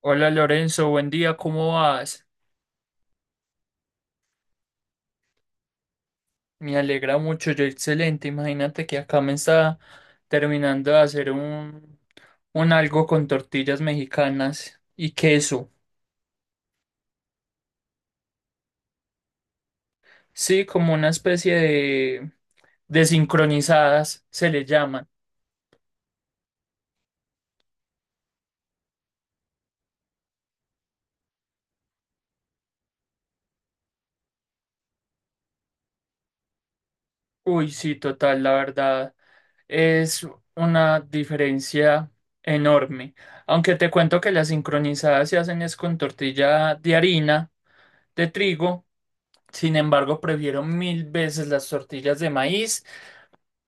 Hola Lorenzo, buen día, ¿cómo vas? Me alegra mucho, yo excelente. Imagínate que acá me está terminando de hacer un algo con tortillas mexicanas y queso. Sí, como una especie de desincronizadas se le llaman. Uy, sí, total, la verdad. Es una diferencia enorme. Aunque te cuento que las sincronizadas se hacen es con tortilla de harina, de trigo. Sin embargo, prefiero mil veces las tortillas de maíz.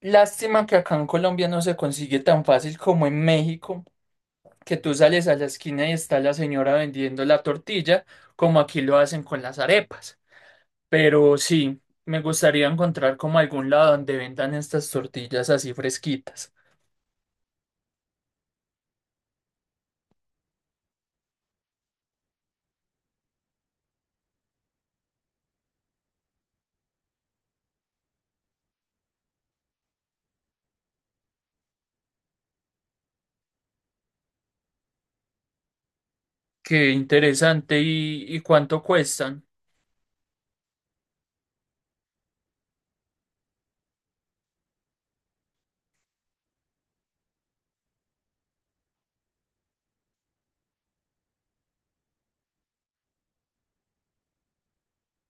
Lástima que acá en Colombia no se consigue tan fácil como en México, que tú sales a la esquina y está la señora vendiendo la tortilla, como aquí lo hacen con las arepas. Pero sí, me gustaría encontrar como algún lado donde vendan estas tortillas así fresquitas. Qué interesante. ¿Y cuánto cuestan?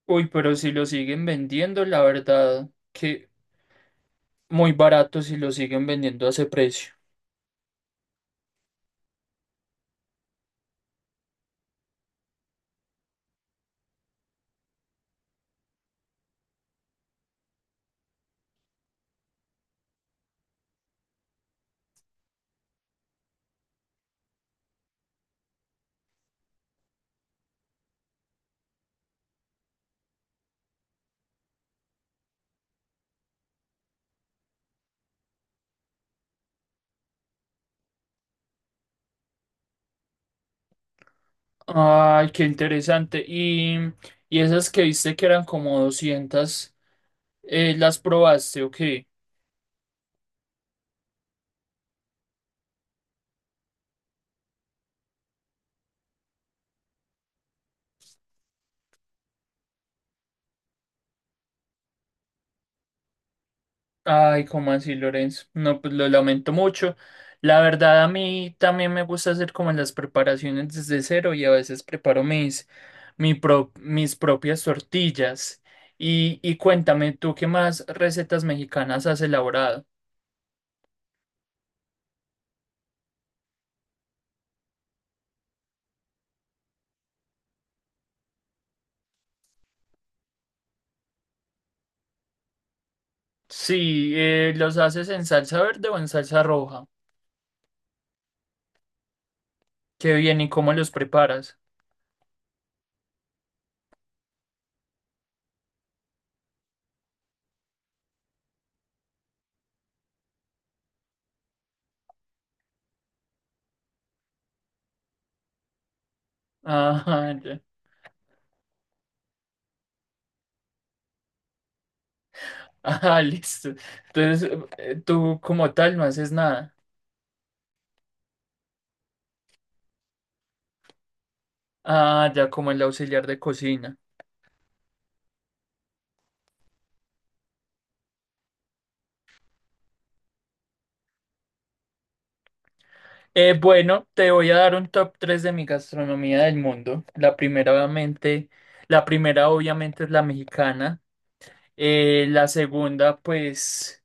Uy, pero si lo siguen vendiendo, la verdad que muy barato si lo siguen vendiendo a ese precio. Ay, qué interesante. Y esas que viste que eran como 200 ¿las probaste o qué? Ay, ¿cómo así, Lorenzo? No, pues lo lamento mucho. La verdad, a mí también me gusta hacer como las preparaciones desde cero y a veces preparo mis propias tortillas. Y cuéntame, ¿tú qué más recetas mexicanas has elaborado? Sí, ¿los haces en salsa verde o en salsa roja? Qué bien, ¿y cómo los preparas? Ah, ya. Ah, listo. Entonces, tú como tal no haces nada. Ah, ya como el auxiliar de cocina. Bueno, te voy a dar un top 3 de mi gastronomía del mundo. La primera obviamente es la mexicana. La segunda, pues,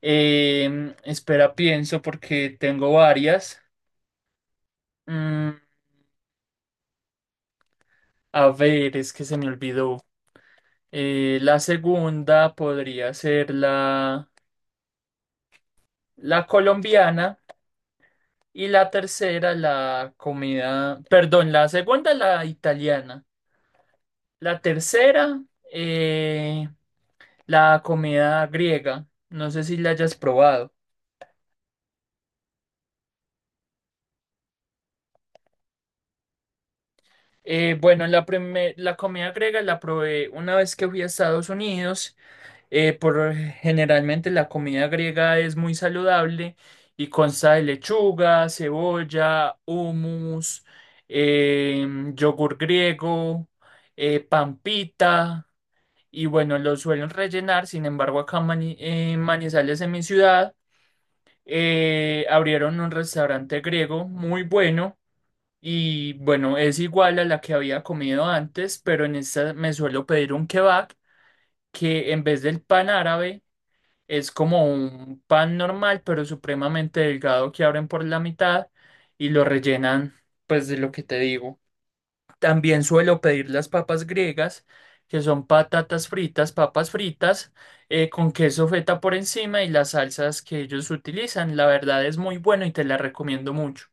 espera, pienso porque tengo varias. Mm, a ver, es que se me olvidó. La segunda podría ser la colombiana y la tercera, la comida, perdón, la segunda, la italiana. La tercera, eh, la comida griega. No sé si la hayas probado. Bueno, la comida griega la probé una vez que fui a Estados Unidos. Por generalmente la comida griega es muy saludable y consta de lechuga, cebolla, hummus, eh, yogur griego, pampita y bueno, lo suelen rellenar. Sin embargo, acá en Manizales, en mi ciudad, abrieron un restaurante griego muy bueno. Y bueno, es igual a la que había comido antes, pero en esta me suelo pedir un kebab que en vez del pan árabe es como un pan normal, pero supremamente delgado que abren por la mitad y lo rellenan pues de lo que te digo. También suelo pedir las papas griegas, que son patatas fritas, papas fritas, con queso feta por encima y las salsas que ellos utilizan. La verdad es muy bueno y te la recomiendo mucho.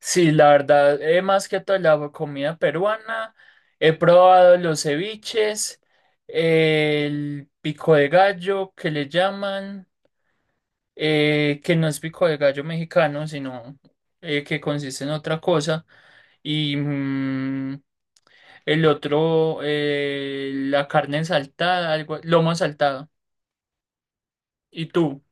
Sí, la verdad, más que todo la comida peruana, he probado los ceviches, el pico de gallo que le llaman, que no es pico de gallo mexicano, sino que consiste en otra cosa, y el otro, la carne saltada, algo, lomo saltado. ¿Y tú?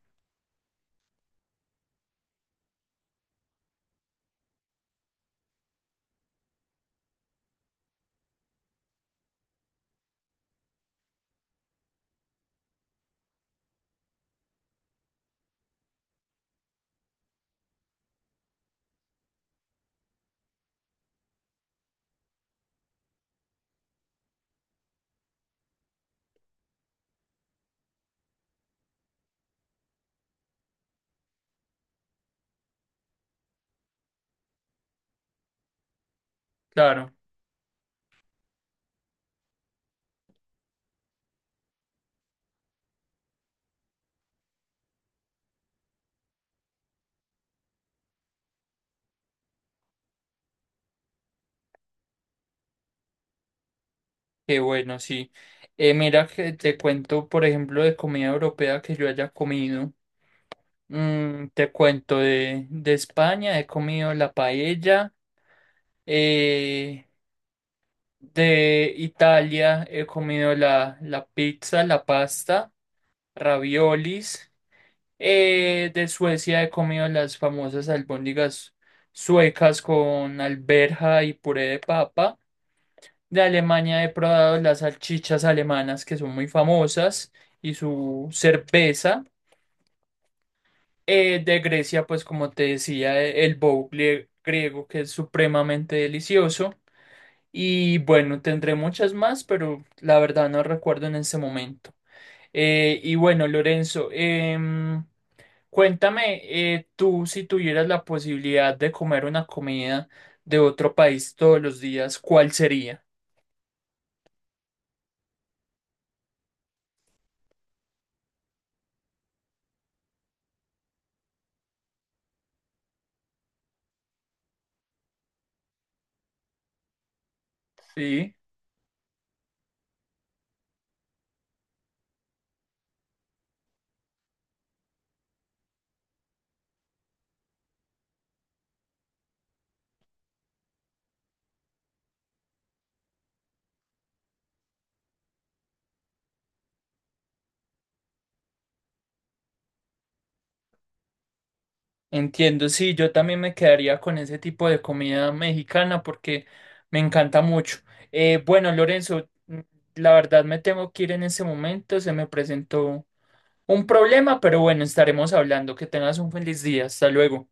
Claro, qué bueno, sí. Mira que te cuento, por ejemplo, de comida europea que yo haya comido. Te cuento de España, he comido la paella. eh, de Italia he comido la pizza, la pasta, raviolis. De Suecia he comido las famosas albóndigas suecas con alberja y puré de papa. De Alemania he probado las salchichas alemanas que son muy famosas y su cerveza. De Grecia, pues como te decía, el boucle griego que es supremamente delicioso. Y bueno, tendré muchas más, pero la verdad no recuerdo en este momento. Y bueno, Lorenzo, cuéntame, tú si tuvieras la posibilidad de comer una comida de otro país todos los días, ¿cuál sería? Sí. Entiendo, sí, yo también me quedaría con ese tipo de comida mexicana porque me encanta mucho. Bueno, Lorenzo, la verdad me tengo que ir en ese momento, se me presentó un problema, pero bueno, estaremos hablando. Que tengas un feliz día, hasta luego.